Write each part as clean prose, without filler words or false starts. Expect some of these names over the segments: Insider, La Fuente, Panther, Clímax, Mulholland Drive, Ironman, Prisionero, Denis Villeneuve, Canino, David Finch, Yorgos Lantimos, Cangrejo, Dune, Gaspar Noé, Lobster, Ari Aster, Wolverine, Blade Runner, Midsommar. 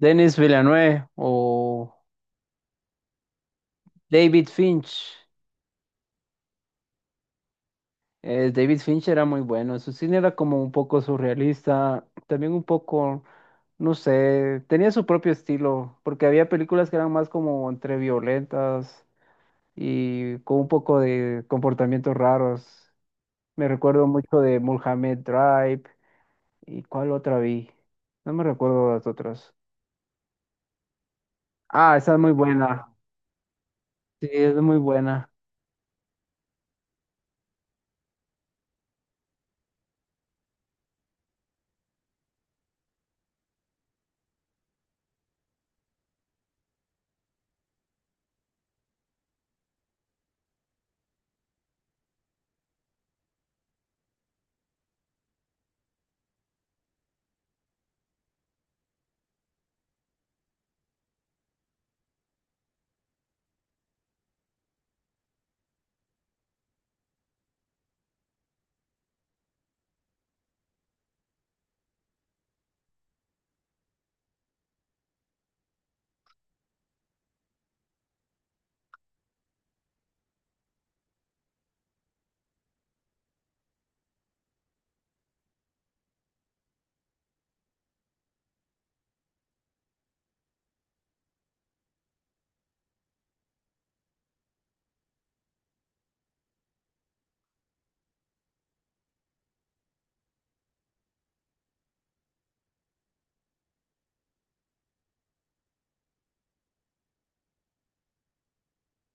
Denis Villeneuve o David Finch. David Finch era muy bueno. Su cine era como un poco surrealista, también un poco, no sé, tenía su propio estilo, porque había películas que eran más como entre violentas y con un poco de comportamientos raros. Me recuerdo mucho de Mulholland Drive y cuál otra vi. No me recuerdo las otras. Ah, esa es muy buena. Sí, es muy buena.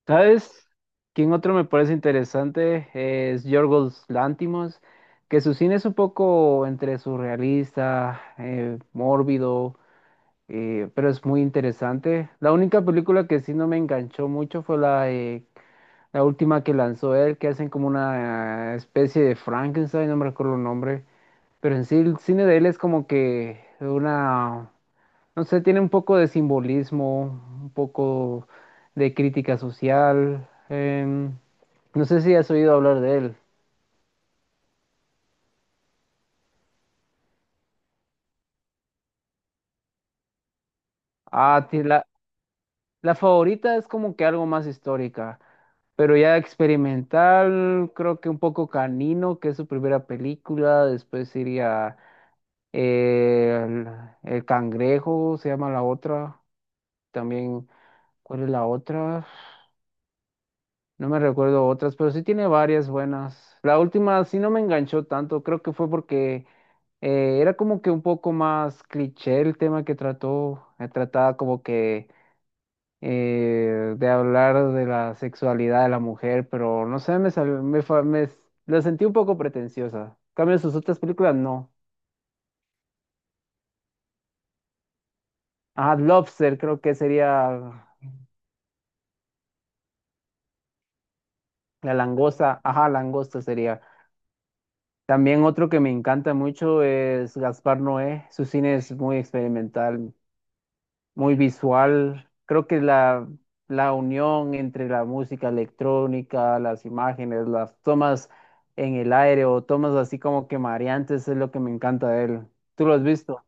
¿Sabes? ¿Quién otro me parece interesante? Es Yorgos Lantimos, que su cine es un poco entre surrealista, mórbido, pero es muy interesante. La única película que sí no me enganchó mucho fue la última que lanzó él, que hacen como una especie de Frankenstein, no me recuerdo el nombre, pero en sí el cine de él es como que una... No sé, tiene un poco de simbolismo, un poco de crítica social. No sé si has oído hablar de él. Ah, ti- la, la favorita es como que algo más histórica, pero ya experimental, creo que un poco Canino, que es su primera película. Después iría eh, el, el Cangrejo, se llama la otra. También, ¿cuál es la otra? No me recuerdo otras, pero sí tiene varias buenas. La última sí no me enganchó tanto, creo que fue porque era como que un poco más cliché el tema que trató. Trataba como que de hablar de la sexualidad de la mujer, pero no sé, me, sal- me, fa- me s- la sentí un poco pretenciosa. En cambio, sus otras películas no. Ajá, Lobster creo que sería la langosta. Ajá, langosta sería. También otro que me encanta mucho es Gaspar Noé. Su cine es muy experimental, muy visual. Creo que la unión entre la música electrónica, las imágenes, las tomas en el aire o tomas así como que mareantes es lo que me encanta de él. ¿Tú lo has visto?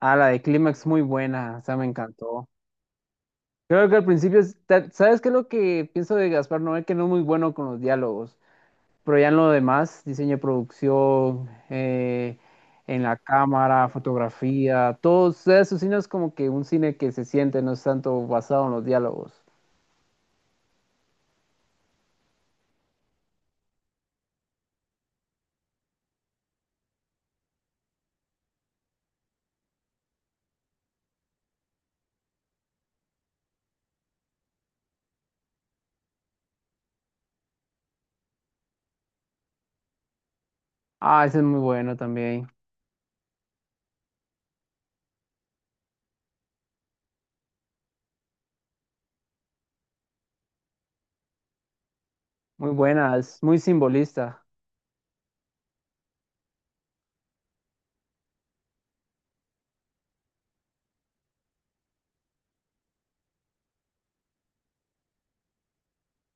Ah, la de Clímax muy buena, esa me encantó. Creo que al principio, ¿sabes qué es lo que pienso de Gaspar Noé? Que no es muy bueno con los diálogos. Pero ya en lo demás, diseño de producción, en la cámara, fotografía, todo eso, cine es como que un cine que se siente, no es tanto basado en los diálogos. Ah, ese es muy bueno también, muy buena, es muy simbolista,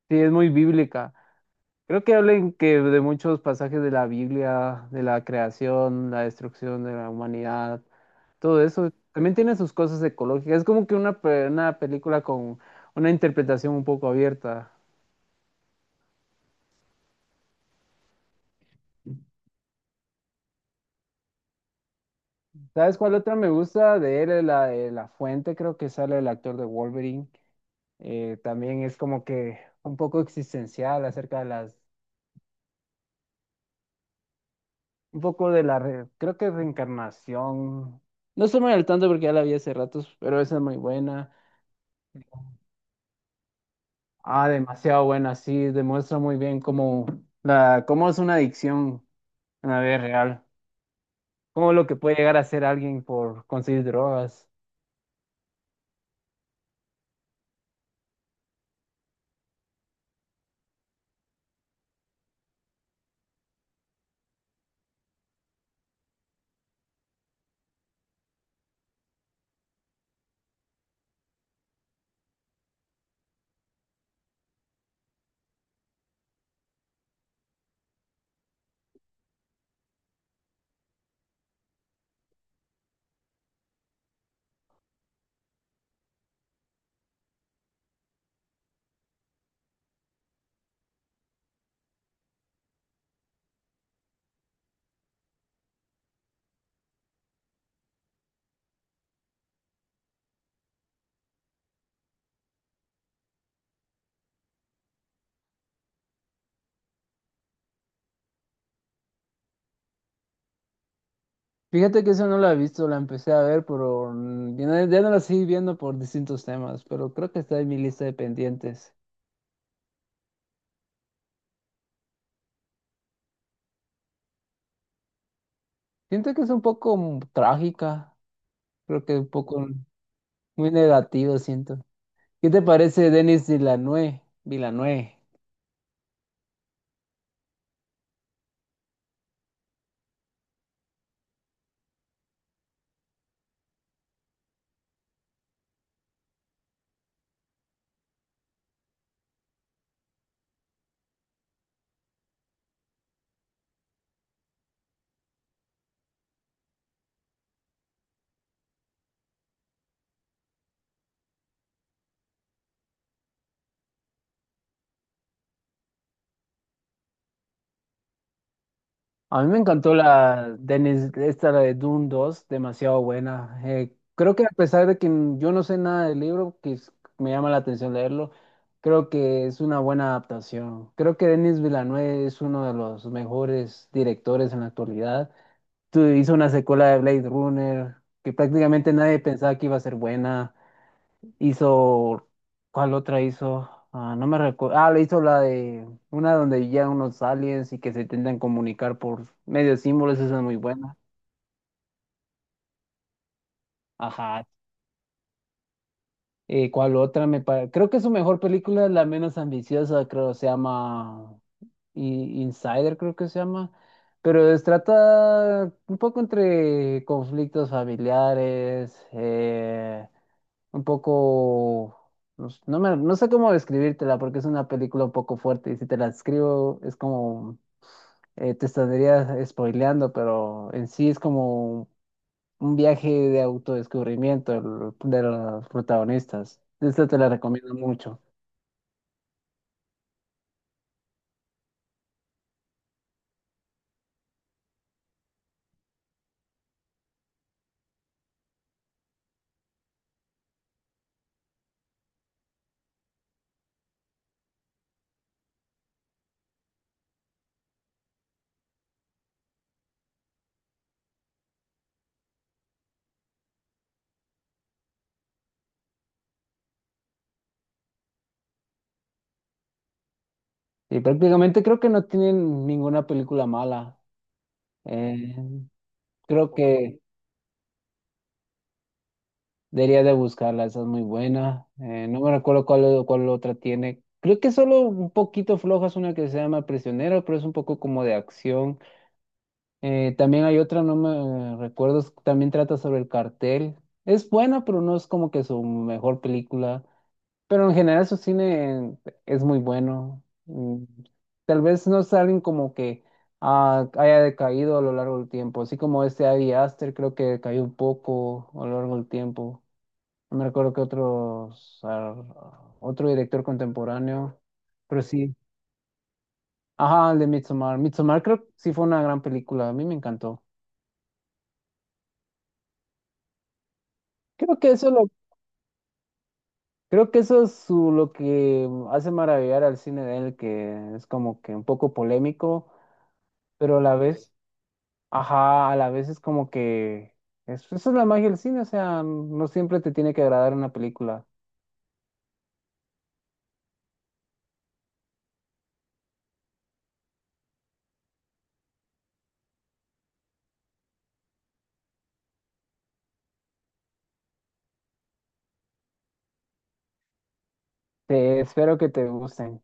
sí, es muy bíblica. Creo que hablen que de muchos pasajes de la Biblia, de la creación, la destrucción de la humanidad, todo eso. También tiene sus cosas ecológicas. Es como que una película con una interpretación un poco abierta. ¿Sabes cuál otra me gusta de él? La de La Fuente, creo que sale el actor de Wolverine. También es como que un poco existencial acerca de las, un poco de creo que reencarnación. No estoy muy al tanto porque ya la vi hace ratos, pero esa es muy buena. Ah, demasiado buena, sí, demuestra muy bien cómo, cómo es una adicción en la vida real, cómo lo que puede llegar a ser alguien por conseguir drogas. Fíjate que esa no la he visto, la empecé a ver, pero ya no, ya no la seguí viendo por distintos temas, pero creo que está en mi lista de pendientes. Siento que es un poco trágica, creo que un poco muy negativo, siento. ¿Qué te parece Denis Villeneuve? Villeneuve. A mí me encantó la Dennis, esta la de Dune 2, demasiado buena. Creo que a pesar de que yo no sé nada del libro, me llama la atención leerlo, creo que es una buena adaptación. Creo que Denis Villeneuve es uno de los mejores directores en la actualidad. Hizo una secuela de Blade Runner que prácticamente nadie pensaba que iba a ser buena. Hizo, ¿cuál otra hizo? Ah, no me recuerdo. Ah, le hizo la de una donde ya unos aliens y que se intentan comunicar por medio de símbolos, esa es muy buena. Ajá. ¿Cuál otra me parece? Creo que su mejor película es la menos ambiciosa, creo, se llama Insider, creo que se llama. Pero trata un poco entre conflictos familiares, un poco, no sé cómo describírtela porque es una película un poco fuerte y si te la describo es como, te estaría spoileando, pero en sí es como un viaje de autodescubrimiento de los protagonistas. Esta te la recomiendo mucho. Y prácticamente creo que no tienen ninguna película mala. Eh, Creo que... Debería de buscarla, esa es muy buena. No me recuerdo cuál, cuál otra tiene. Creo que solo un poquito floja es una que se llama Prisionero, pero es un poco como de acción. También hay otra, no me recuerdo, también trata sobre el cartel. Es buena, pero no es como que su mejor película. Pero en general su cine es muy bueno. Tal vez no es alguien como que haya decaído a lo largo del tiempo. Así como este Ari Aster creo que decayó un poco a lo largo del tiempo. No recuerdo que otro director contemporáneo, pero sí. Ajá, el de Midsommar. Midsommar creo que sí fue una gran película, a mí me encantó. Creo que eso lo, creo que eso es lo que hace maravillar al cine de él, que es como que un poco polémico, pero a la vez, ajá, a la vez es como que esa es la magia del cine, o sea, no siempre te tiene que agradar una película. Te espero que te gusten.